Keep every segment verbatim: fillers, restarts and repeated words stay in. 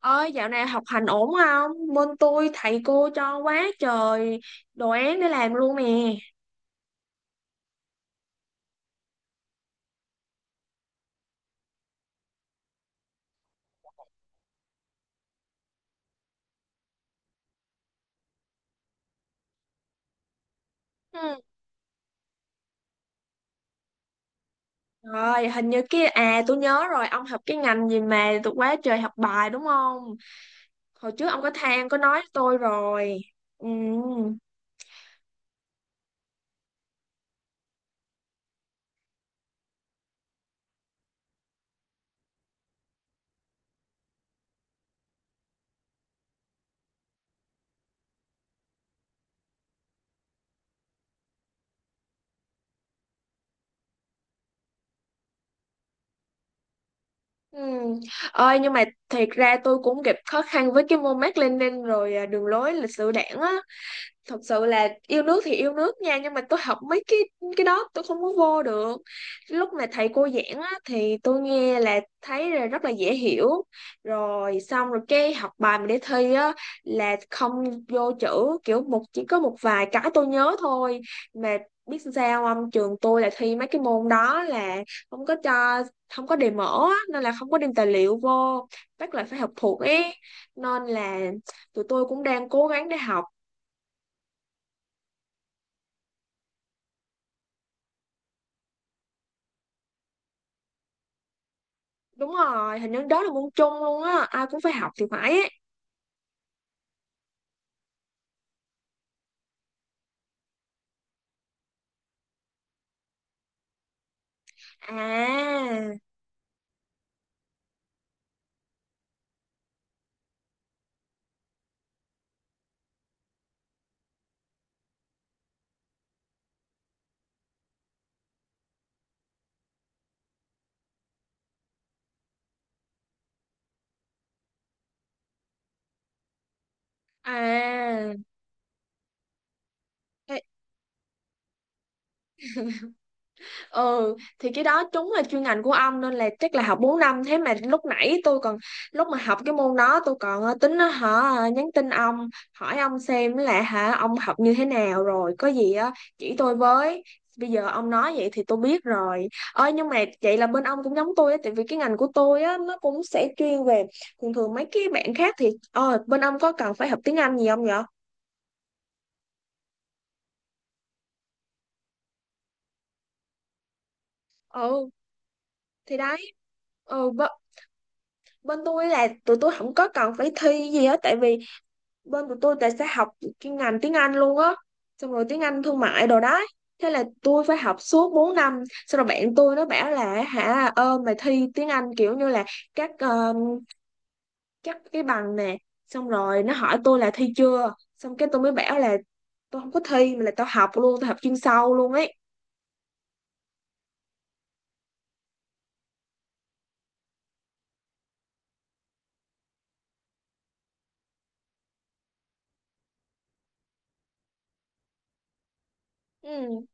Ơi dạo này học hành ổn không? Bên tôi thầy cô cho quá trời đồ án để làm luôn nè. Ừ. Rồi hình như cái à tôi nhớ rồi, ông học cái ngành gì mà tôi quá trời học bài đúng không? Hồi trước ông có than, có nói với tôi rồi. Ừ. Ừ. Ơi nhưng mà thiệt ra tôi cũng gặp khó khăn với cái môn Mác Lênin rồi à, đường lối lịch sử đảng á. Thật sự là yêu nước thì yêu nước nha, nhưng mà tôi học mấy cái cái đó tôi không có vô được. Lúc mà thầy cô giảng á, thì tôi nghe là thấy là rất là dễ hiểu, rồi xong rồi cái học bài mình để thi á là không vô chữ, kiểu một chỉ có một vài cái tôi nhớ thôi. Mà biết sao không, trường tôi là thi mấy cái môn đó là không có cho, không có đề mở á, nên là không có đem tài liệu vô, bắt là phải học thuộc ý, nên là tụi tôi cũng đang cố gắng để học. Đúng rồi, hình như đó là môn chung luôn á, ai cũng phải học thì phải ấy. À, à, ừ thì cái đó đúng là chuyên ngành của ông nên là chắc là học bốn năm. Thế mà lúc nãy tôi còn, lúc mà học cái môn đó tôi còn ờ, tính nó, hả, ờ, nhắn tin ông hỏi ông xem là, hả, ông học như thế nào rồi có gì á chỉ tôi với. Bây giờ ông nói vậy thì tôi biết rồi. Ơi nhưng mà vậy là bên ông cũng giống tôi á, tại vì cái ngành của tôi á nó cũng sẽ chuyên về, thường thường mấy cái bạn khác thì, ờ bên ông có cần phải học tiếng Anh gì không vậy? Ừ. Thì đấy. Ừ. B- bên tôi là tụi tôi không có cần phải thi gì hết, tại vì bên của tôi tại sẽ học cái ngành tiếng Anh luôn á, xong rồi tiếng Anh thương mại đồ đó. Thế là tôi phải học suốt bốn năm, xong rồi bạn tôi nó bảo là, hả, ơ, mày thi tiếng Anh kiểu như là các ờ, các cái bằng nè. Xong rồi nó hỏi tôi là thi chưa, xong cái tôi mới bảo là tôi không có thi mà là tao học luôn, tao học chuyên sâu luôn ấy. Ừ.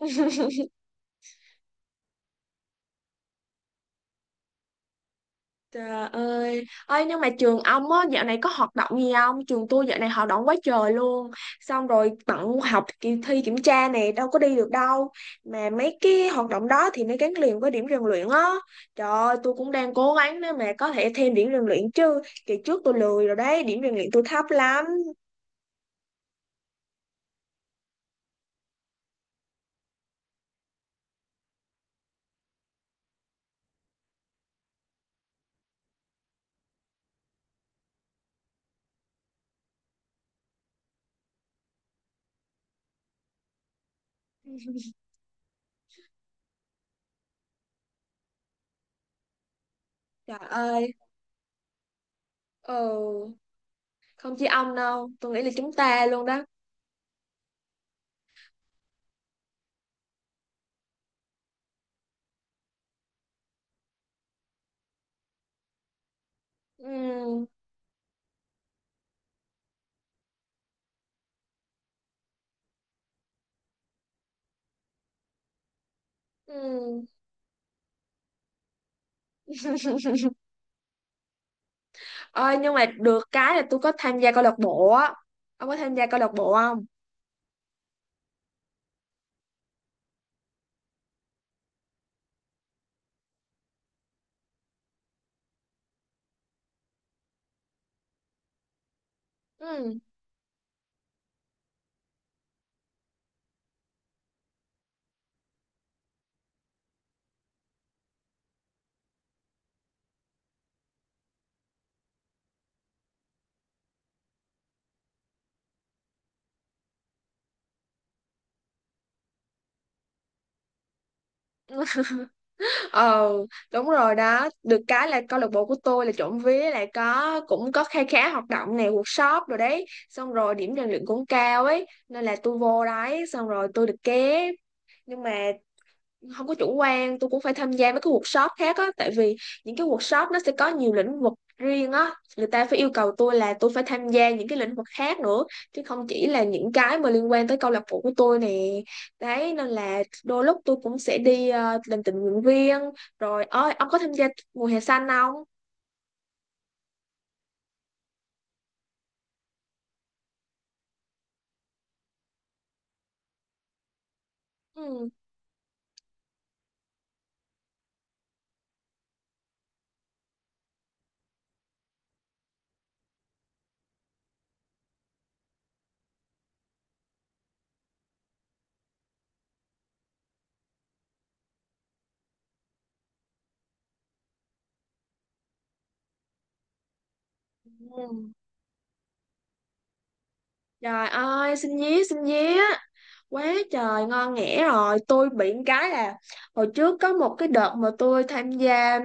Ừ. Trời ơi, ơi nhưng mà trường ông á dạo này có hoạt động gì không? Trường tôi dạo này hoạt động quá trời luôn. Xong rồi bận học, kỳ thi, kiểm tra này đâu có đi được đâu. Mà mấy cái hoạt động đó thì nó gắn liền với điểm rèn luyện á. Trời ơi, tôi cũng đang cố gắng để mà có thể thêm điểm rèn luyện chứ. Kỳ trước tôi lười rồi đấy, điểm rèn luyện tôi thấp lắm. Trời ơi, ừ, không chỉ ông đâu, tôi nghĩ là chúng ta luôn đó. Ừ, ừ. Ơi nhưng mà được cái là tôi có tham gia câu lạc bộ á. Ông có tham gia câu lạc bộ không? Ừ. Ờ, đúng rồi đó, được cái là câu lạc bộ của tôi là trộm vía lại có, cũng có khá khá hoạt động này, workshop rồi đấy. Xong rồi điểm rèn luyện cũng cao ấy, nên là tôi vô đấy xong rồi tôi được ké. Nhưng mà không có chủ quan, tôi cũng phải tham gia mấy cái workshop khác á, tại vì những cái workshop nó sẽ có nhiều lĩnh vực riêng á, người ta phải yêu cầu tôi là tôi phải tham gia những cái lĩnh vực khác nữa, chứ không chỉ là những cái mà liên quan tới câu lạc bộ của tôi nè. Đấy, nên là đôi lúc tôi cũng sẽ đi ờ, làm tình nguyện viên rồi. Ơi ông có tham gia mùa hè xanh không? Ừ. Ừ. Trời ơi, xin nhé, xin nhé. Quá trời, ngon nghẻ rồi. Tôi bị một cái là hồi trước có một cái đợt mà tôi tham gia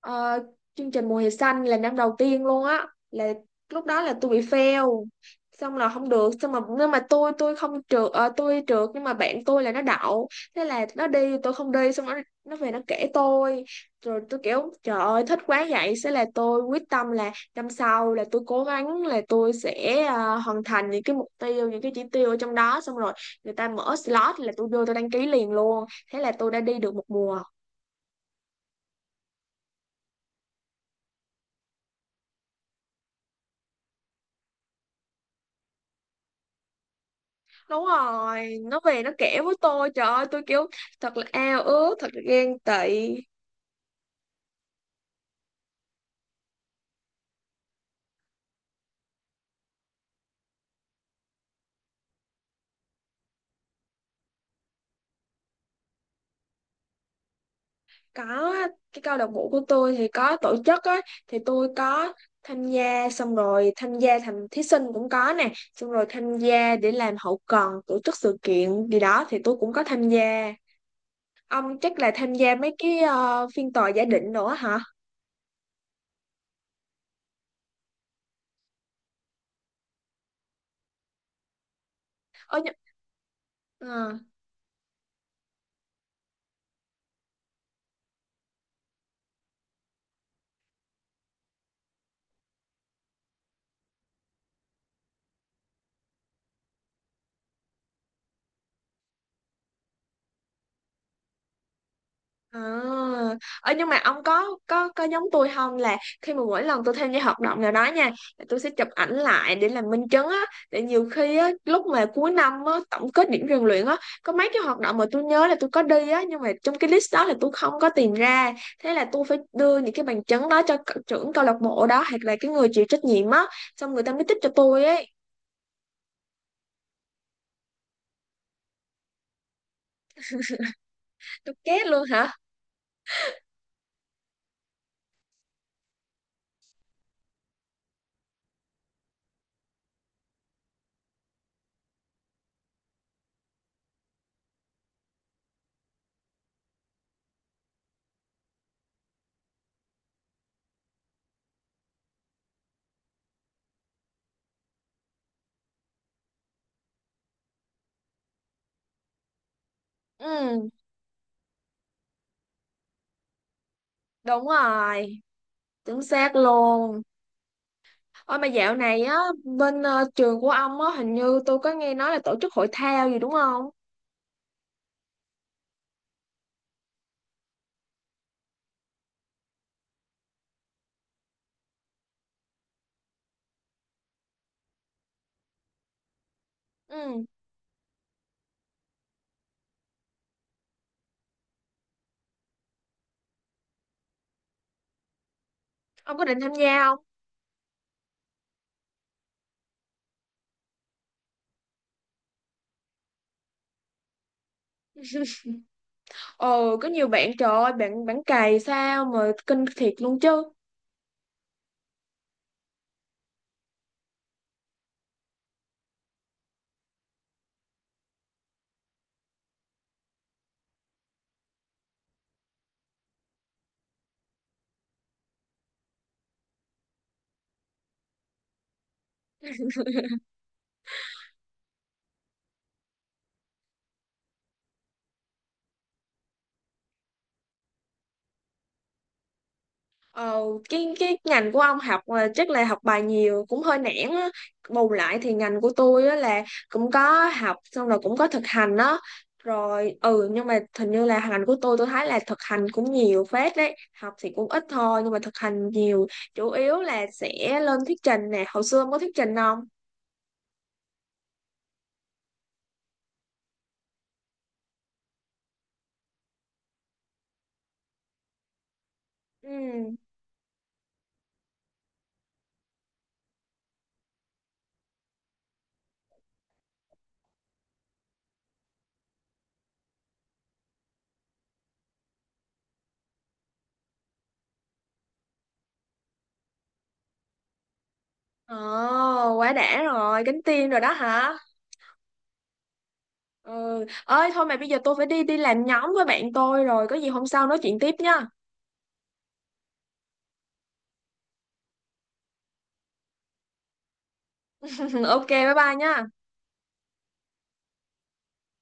Ờ, chương trình Mùa hè xanh là năm đầu tiên luôn á, là lúc đó là tôi bị fail, xong là không được. Xong mà nhưng mà tôi tôi không trượt, ờ, tôi trượt nhưng mà bạn tôi là nó đậu, thế là nó đi, tôi không đi. Xong nó nó về nó kể tôi, rồi tôi kiểu trời ơi thích quá vậy. Thế là tôi quyết tâm là năm sau là tôi cố gắng là tôi sẽ ờ, hoàn thành những cái mục tiêu, những cái chỉ tiêu ở trong đó. Xong rồi người ta mở slot là tôi vô tôi đăng ký liền luôn, thế là tôi đã đi được một mùa. Đúng rồi, nó về nó kể với tôi, trời ơi tôi kiểu thật là ao ước, thật là ghen tị. Có, cái câu lạc bộ của tôi thì có tổ chức á, thì tôi có tham gia. Xong rồi tham gia thành thí sinh cũng có nè, xong rồi tham gia để làm hậu cần tổ chức sự kiện gì đó thì tôi cũng có tham gia. Ông chắc là tham gia mấy cái ờ, phiên tòa giả định nữa hả? ờ, nh- ờ. À, ờ, nhưng mà ông có có có giống tôi không, là khi mà mỗi lần tôi tham gia hoạt động nào đó nha, là tôi sẽ chụp ảnh lại để làm minh chứng á, để nhiều khi á lúc mà cuối năm á tổng kết điểm rèn luyện á, có mấy cái hoạt động mà tôi nhớ là tôi có đi á nhưng mà trong cái list đó là tôi không có tìm ra. Thế là tôi phải đưa những cái bằng chứng đó cho c- trưởng câu lạc bộ đó, hoặc là cái người chịu trách nhiệm á, xong người ta mới tích cho tôi ấy. Tôi két luôn hả? Ừ, đúng rồi, chính xác luôn. Ôi mà dạo này á bên ờ, trường của ông á, hình như tôi có nghe nói là tổ chức hội thao gì đúng không? Ừ, ông có định tham gia không? Ồ, có nhiều bạn trời ơi, bạn bạn cày sao mà kinh thiệt luôn chứ. Ờ, cái cái ngành của ông học là chắc là học bài nhiều cũng hơi nản á. Bù lại thì ngành của tôi á là cũng có học xong rồi cũng có thực hành á. Rồi, ừ, nhưng mà hình như là ngành của tôi tôi thấy là thực hành cũng nhiều phết đấy. Học thì cũng ít thôi nhưng mà thực hành nhiều. Chủ yếu là sẽ lên thuyết trình nè. Hồi xưa ông có thuyết trình không? Ừ. Ồ, quá đã rồi, cánh tiên rồi đó hả? Ừ. Ơi thôi mà bây giờ tôi phải đi, đi làm nhóm với bạn tôi rồi, có gì hôm sau nói chuyện tiếp nha. ok bye bye nhá